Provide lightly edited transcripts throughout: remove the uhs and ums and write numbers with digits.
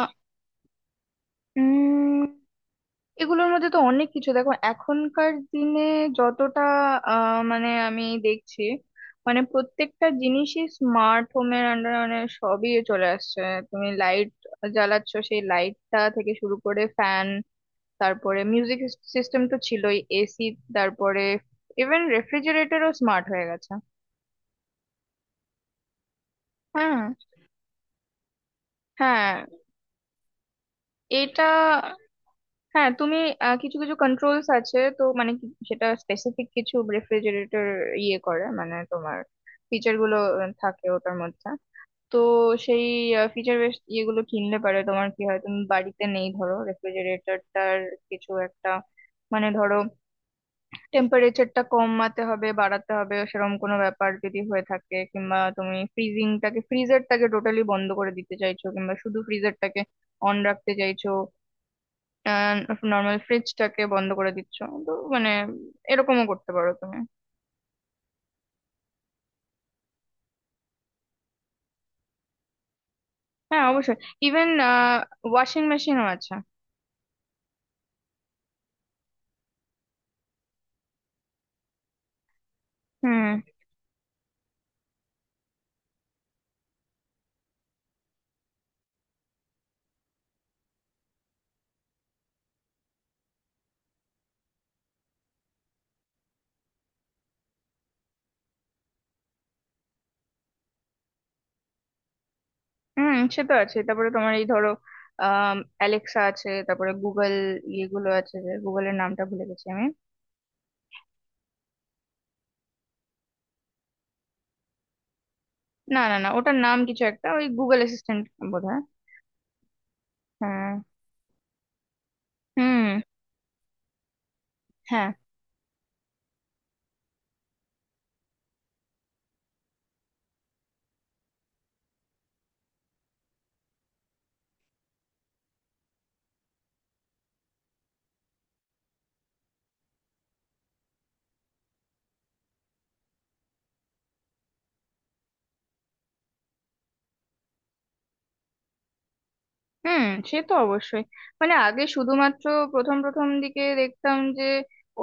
আহ, উম এগুলোর মধ্যে তো অনেক কিছু দেখো এখনকার দিনে যতটা মানে আমি দেখছি, মানে প্রত্যেকটা জিনিসই স্মার্ট হোমের আন্ডারে, মানে সবই চলে আসছে। তুমি লাইট জ্বালাচ্ছ, সেই লাইটটা থেকে শুরু করে ফ্যান, তারপরে মিউজিক সিস্টেম তো ছিলই, এসি, তারপরে ইভেন রেফ্রিজারেটরও স্মার্ট হয়ে গেছে। হ্যাঁ। হ্যাঁ। এটা, হ্যাঁ। তুমি কিছু কিছু কন্ট্রোলস আছে তো, মানে সেটা স্পেসিফিক কিছু রেফ্রিজারেটর ইয়ে করে, মানে তোমার ফিচার গুলো থাকে ওটার মধ্যে। তো সেই ফিচার বেস ইয়েগুলো কিনলে পারে, তোমার কি হয়, তুমি বাড়িতে নেই, ধরো রেফ্রিজারেটরটার কিছু একটা, মানে ধরো টেম্পারেচারটা কমাতে হবে, বাড়াতে হবে, সেরকম কোনো ব্যাপার যদি হয়ে থাকে, কিংবা তুমি ফ্রিজিংটাকে, ফ্রিজারটাকে টোটালি বন্ধ করে দিতে চাইছো, কিংবা শুধু ফ্রিজারটাকে অন রাখতে চাইছো, নর্মাল ফ্রিজটাকে বন্ধ করে দিচ্ছ, তো মানে এরকমও করতে পারো তুমি। হ্যাঁ, অবশ্যই। ইভেন ওয়াশিং মেশিনও আছে। হুম। হুম, সে তো আছে, তারপরে তোমার এই ধরো অ্যালেক্সা আছে, তারপরে গুগল ইয়েগুলো আছে, যে গুগলের নামটা ভুলে গেছি আমি। না না না ওটার নাম কিছু একটা, ওই গুগল অ্যাসিস্ট্যান্ট বোধ হয়। হ্যাঁ। হুম। হ্যাঁ। হুম, সে তো অবশ্যই, মানে আগে শুধুমাত্র প্রথম প্রথম দিকে দেখতাম যে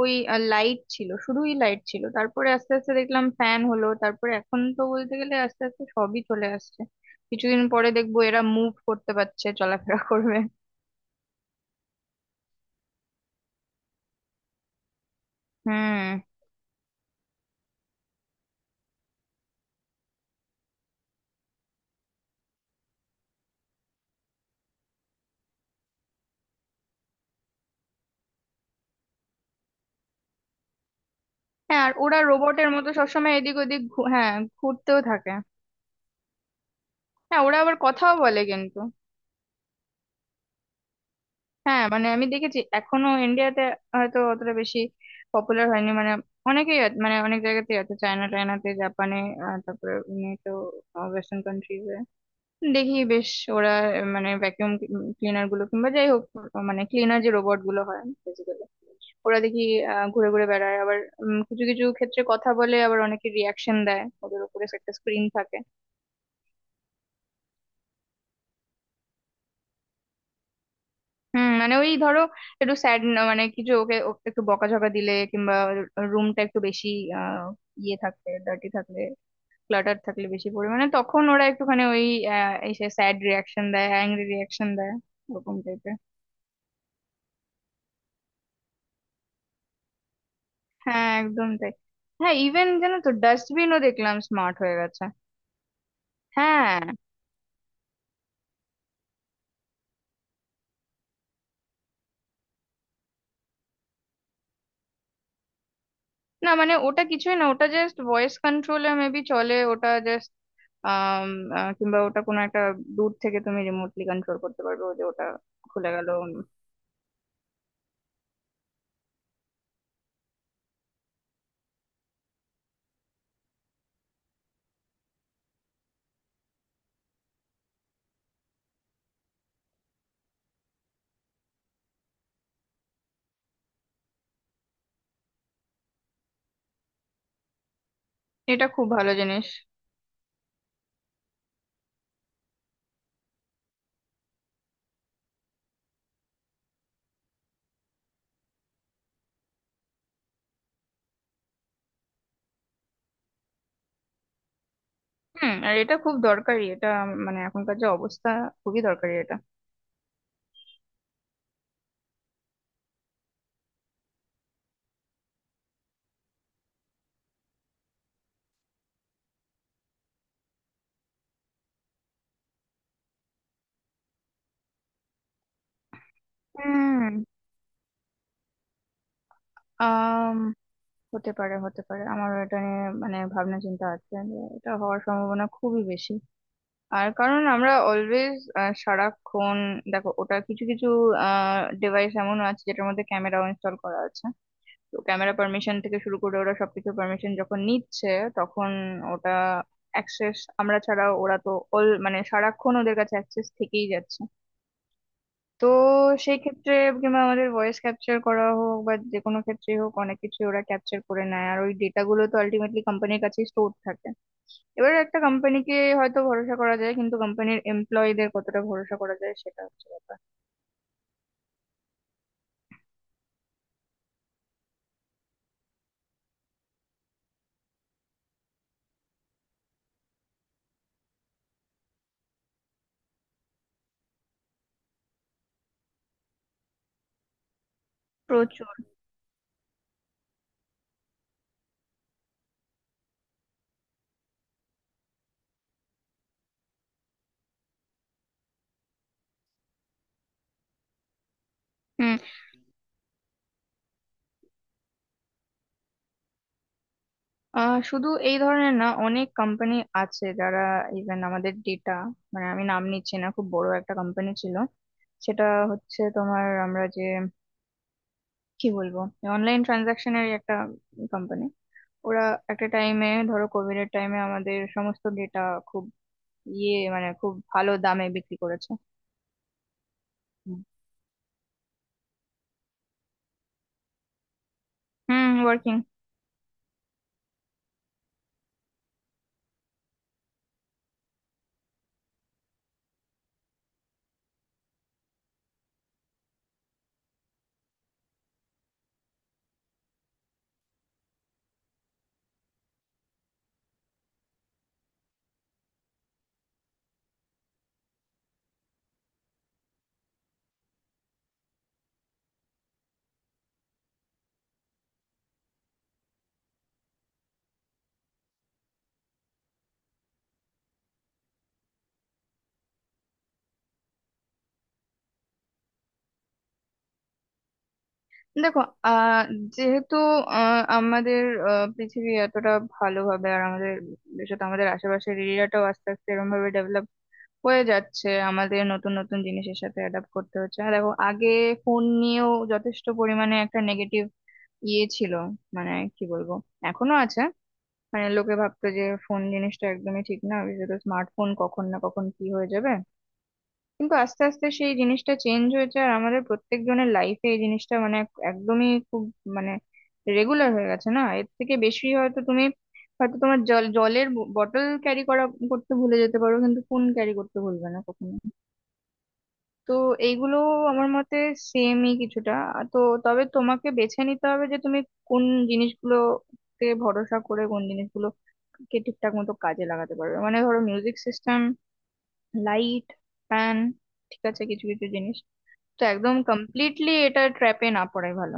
ওই লাইট ছিল, শুধুই লাইট ছিল, তারপরে আস্তে আস্তে দেখলাম ফ্যান হলো, তারপরে এখন তো বলতে গেলে আস্তে আস্তে সবই চলে আসছে। কিছুদিন পরে দেখবো এরা মুভ করতে পারছে, চলাফেরা করবে। হুম। হ্যাঁ, আর ওরা রোবটের মতো সবসময় এদিক ওদিক হ্যাঁ, ঘুরতেও থাকে। হ্যাঁ, ওরা আবার কথাও বলে কিন্তু। হ্যাঁ, মানে আমি দেখেছি এখনো ইন্ডিয়াতে হয়তো অতটা বেশি পপুলার হয়নি, মানে অনেকেই মানে অনেক জায়গাতেই আছে, চায়না টায়নাতে, জাপানে, তারপরে তো ওয়েস্টার্ন কান্ট্রিজে দেখি বেশ ওরা মানে ভ্যাকিউম ক্লিনার গুলো, কিংবা যাই হোক মানে ক্লিনার যে রোবট গুলো হয় বেসিক্যালি, ওরা দেখি ঘুরে ঘুরে বেড়ায়, আবার কিছু কিছু ক্ষেত্রে কথা বলে, আবার অনেকে রিয়াকশন দেয়, ওদের উপরে একটা স্ক্রিন থাকে। হুম, মানে ওই ধরো একটু স্যাড, মানে কিছু ওকে ওকে একটু বকাঝকা দিলে, কিংবা রুমটা একটু বেশি আহ ইয়ে থাকলে, ডার্টি থাকলে, ক্লাটার থাকলে বেশি পরিমাণে, তখন ওরা একটুখানি ওই এসে স্যাড রিয়াকশন দেয়, অ্যাংরি রিয়াকশন দেয়, ওরকম টাইপের। হ্যাঁ, একদম তাই। হ্যাঁ, ইভেন জানো তো ডাস্টবিনও দেখলাম স্মার্ট হয়ে গেছে। হ্যাঁ, না মানে ওটা কিছুই না, ওটা জাস্ট ভয়েস কন্ট্রোলে মেবি চলে, ওটা জাস্ট আহ কিংবা ওটা কোনো একটা দূর থেকে তুমি রিমোটলি কন্ট্রোল করতে পারবে, ও যে ওটা খুলে গেল। এটা খুব ভালো জিনিস। হুম, আর এটা খুব দরকারি, এটা মানে এখনকার যে অবস্থা, খুবই দরকারি এটা। হুম। আম হতে পারে, হতে পারে, আমার এটা নিয়ে মানে ভাবনা চিন্তা আছে যে এটা হওয়ার সম্ভাবনা খুবই বেশি। আর কারণ আমরা অলওয়েজ সারাক্ষণ, দেখো ওটা কিছু কিছু ডিভাইস এমন আছে যেটার মধ্যে ক্যামেরাও ইনস্টল করা আছে, তো ক্যামেরা পারমিশন থেকে শুরু করে ওরা সবকিছু পারমিশন যখন নিচ্ছে, তখন ওটা অ্যাক্সেস আমরা ছাড়া, ওরা তো অল মানে সারাক্ষণ ওদের কাছে অ্যাক্সেস থেকেই যাচ্ছে। তো সেই ক্ষেত্রে কিংবা আমাদের ভয়েস ক্যাপচার করা হোক বা যে কোনো ক্ষেত্রেই হোক, অনেক কিছু ওরা ক্যাপচার করে নেয়, আর ওই ডেটাগুলো তো আলটিমেটলি কোম্পানির কাছেই স্টোর থাকে। এবার একটা কোম্পানিকে হয়তো ভরসা করা যায়, কিন্তু কোম্পানির এমপ্লয়ীদের কতটা ভরসা করা যায়, সেটা হচ্ছে ব্যাপার। প্রচুর। হুম। শুধু এই ধরনের না, অনেক কোম্পানি আছে যারা ইভেন আমাদের ডেটা, মানে আমি নাম নিচ্ছি না, খুব বড় একটা কোম্পানি ছিল, সেটা হচ্ছে তোমার আমরা যে কি বলবো অনলাইন ট্রানজাকশনের একটা কোম্পানি। ওরা একটা টাইমে, ধরো কোভিড এর টাইমে আমাদের সমস্ত ডেটা খুব ইয়ে মানে খুব ভালো দামে বিক্রি করেছে। হুম। হুম, ওয়ার্কিং। দেখো আহ যেহেতু আমাদের পৃথিবী এতটা ভালোভাবে, আর আমাদের বিশেষত আমাদের আশেপাশের এরিয়াটাও আস্তে আস্তে এরকম ভাবে ডেভেলপ হয়ে যাচ্ছে, আমাদের নতুন নতুন জিনিসের সাথে অ্যাডাপ্ট করতে হচ্ছে। আর দেখো আগে ফোন নিয়েও যথেষ্ট পরিমাণে একটা নেগেটিভ ইয়ে ছিল, মানে কি বলবো, এখনো আছে, মানে লোকে ভাবতো যে ফোন জিনিসটা একদমই ঠিক না, বিশেষত স্মার্টফোন, কখন না কখন কি হয়ে যাবে। কিন্তু আস্তে আস্তে সেই জিনিসটা চেঞ্জ হয়েছে, আর আমাদের প্রত্যেকজনের লাইফে এই জিনিসটা মানে একদমই খুব মানে রেগুলার হয়ে গেছে, না এর থেকে বেশি, হয়তো তুমি হয়তো তোমার জলের বোতল ক্যারি করতে ভুলে যেতে পারো, কিন্তু ফোন ক্যারি করতে ভুলবে না কখনো। তো এইগুলো আমার মতে সেমই কিছুটা তো তবে তোমাকে বেছে নিতে হবে যে তুমি কোন জিনিসগুলোতে ভরসা করে কোন জিনিসগুলো কে ঠিকঠাক মতো কাজে লাগাতে পারবে, মানে ধরো মিউজিক সিস্টেম, লাইট, ফ্যান, ঠিক আছে কিছু কিছু জিনিস। তো একদম কমপ্লিটলি এটা ট্র্যাপে না পড়াই ভালো।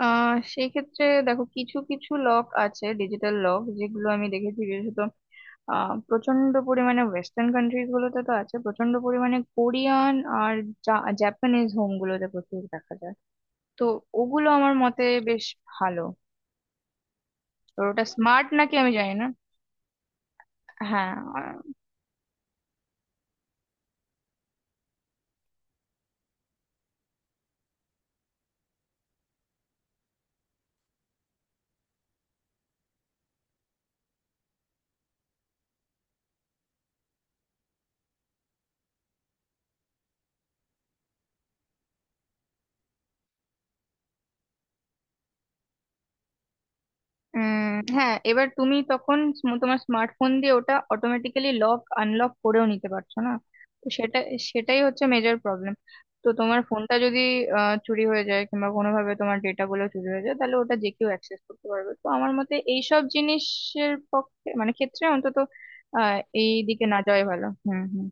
সেই ক্ষেত্রে দেখো কিছু কিছু লক আছে, ডিজিটাল লক, যেগুলো আমি দেখেছি বিশেষত প্রচন্ড পরিমাণে ওয়েস্টার্ন কান্ট্রিজ গুলোতে তো আছে, প্রচন্ড পরিমাণে কোরিয়ান আর জাপানিজ হোম গুলোতে প্রচুর দেখা যায়। তো ওগুলো আমার মতে বেশ ভালো। তো ওটা স্মার্ট নাকি আমি জানি না। হ্যাঁ। হ্যাঁ, এবার তুমি তখন তোমার স্মার্টফোন দিয়ে ওটা অটোমেটিক্যালি লক আনলক করেও নিতে পারছো না। তো সেটাই হচ্ছে মেজর প্রবলেম। তো তোমার ফোনটা যদি চুরি হয়ে যায়, কিংবা কোনোভাবে তোমার ডেটা গুলো চুরি হয়ে যায়, তাহলে ওটা যে কেউ অ্যাক্সেস করতে পারবে। তো আমার মতে এইসব জিনিসের পক্ষে মানে ক্ষেত্রে অন্তত আহ এই দিকে না যাওয়াই ভালো। হুম, হুম।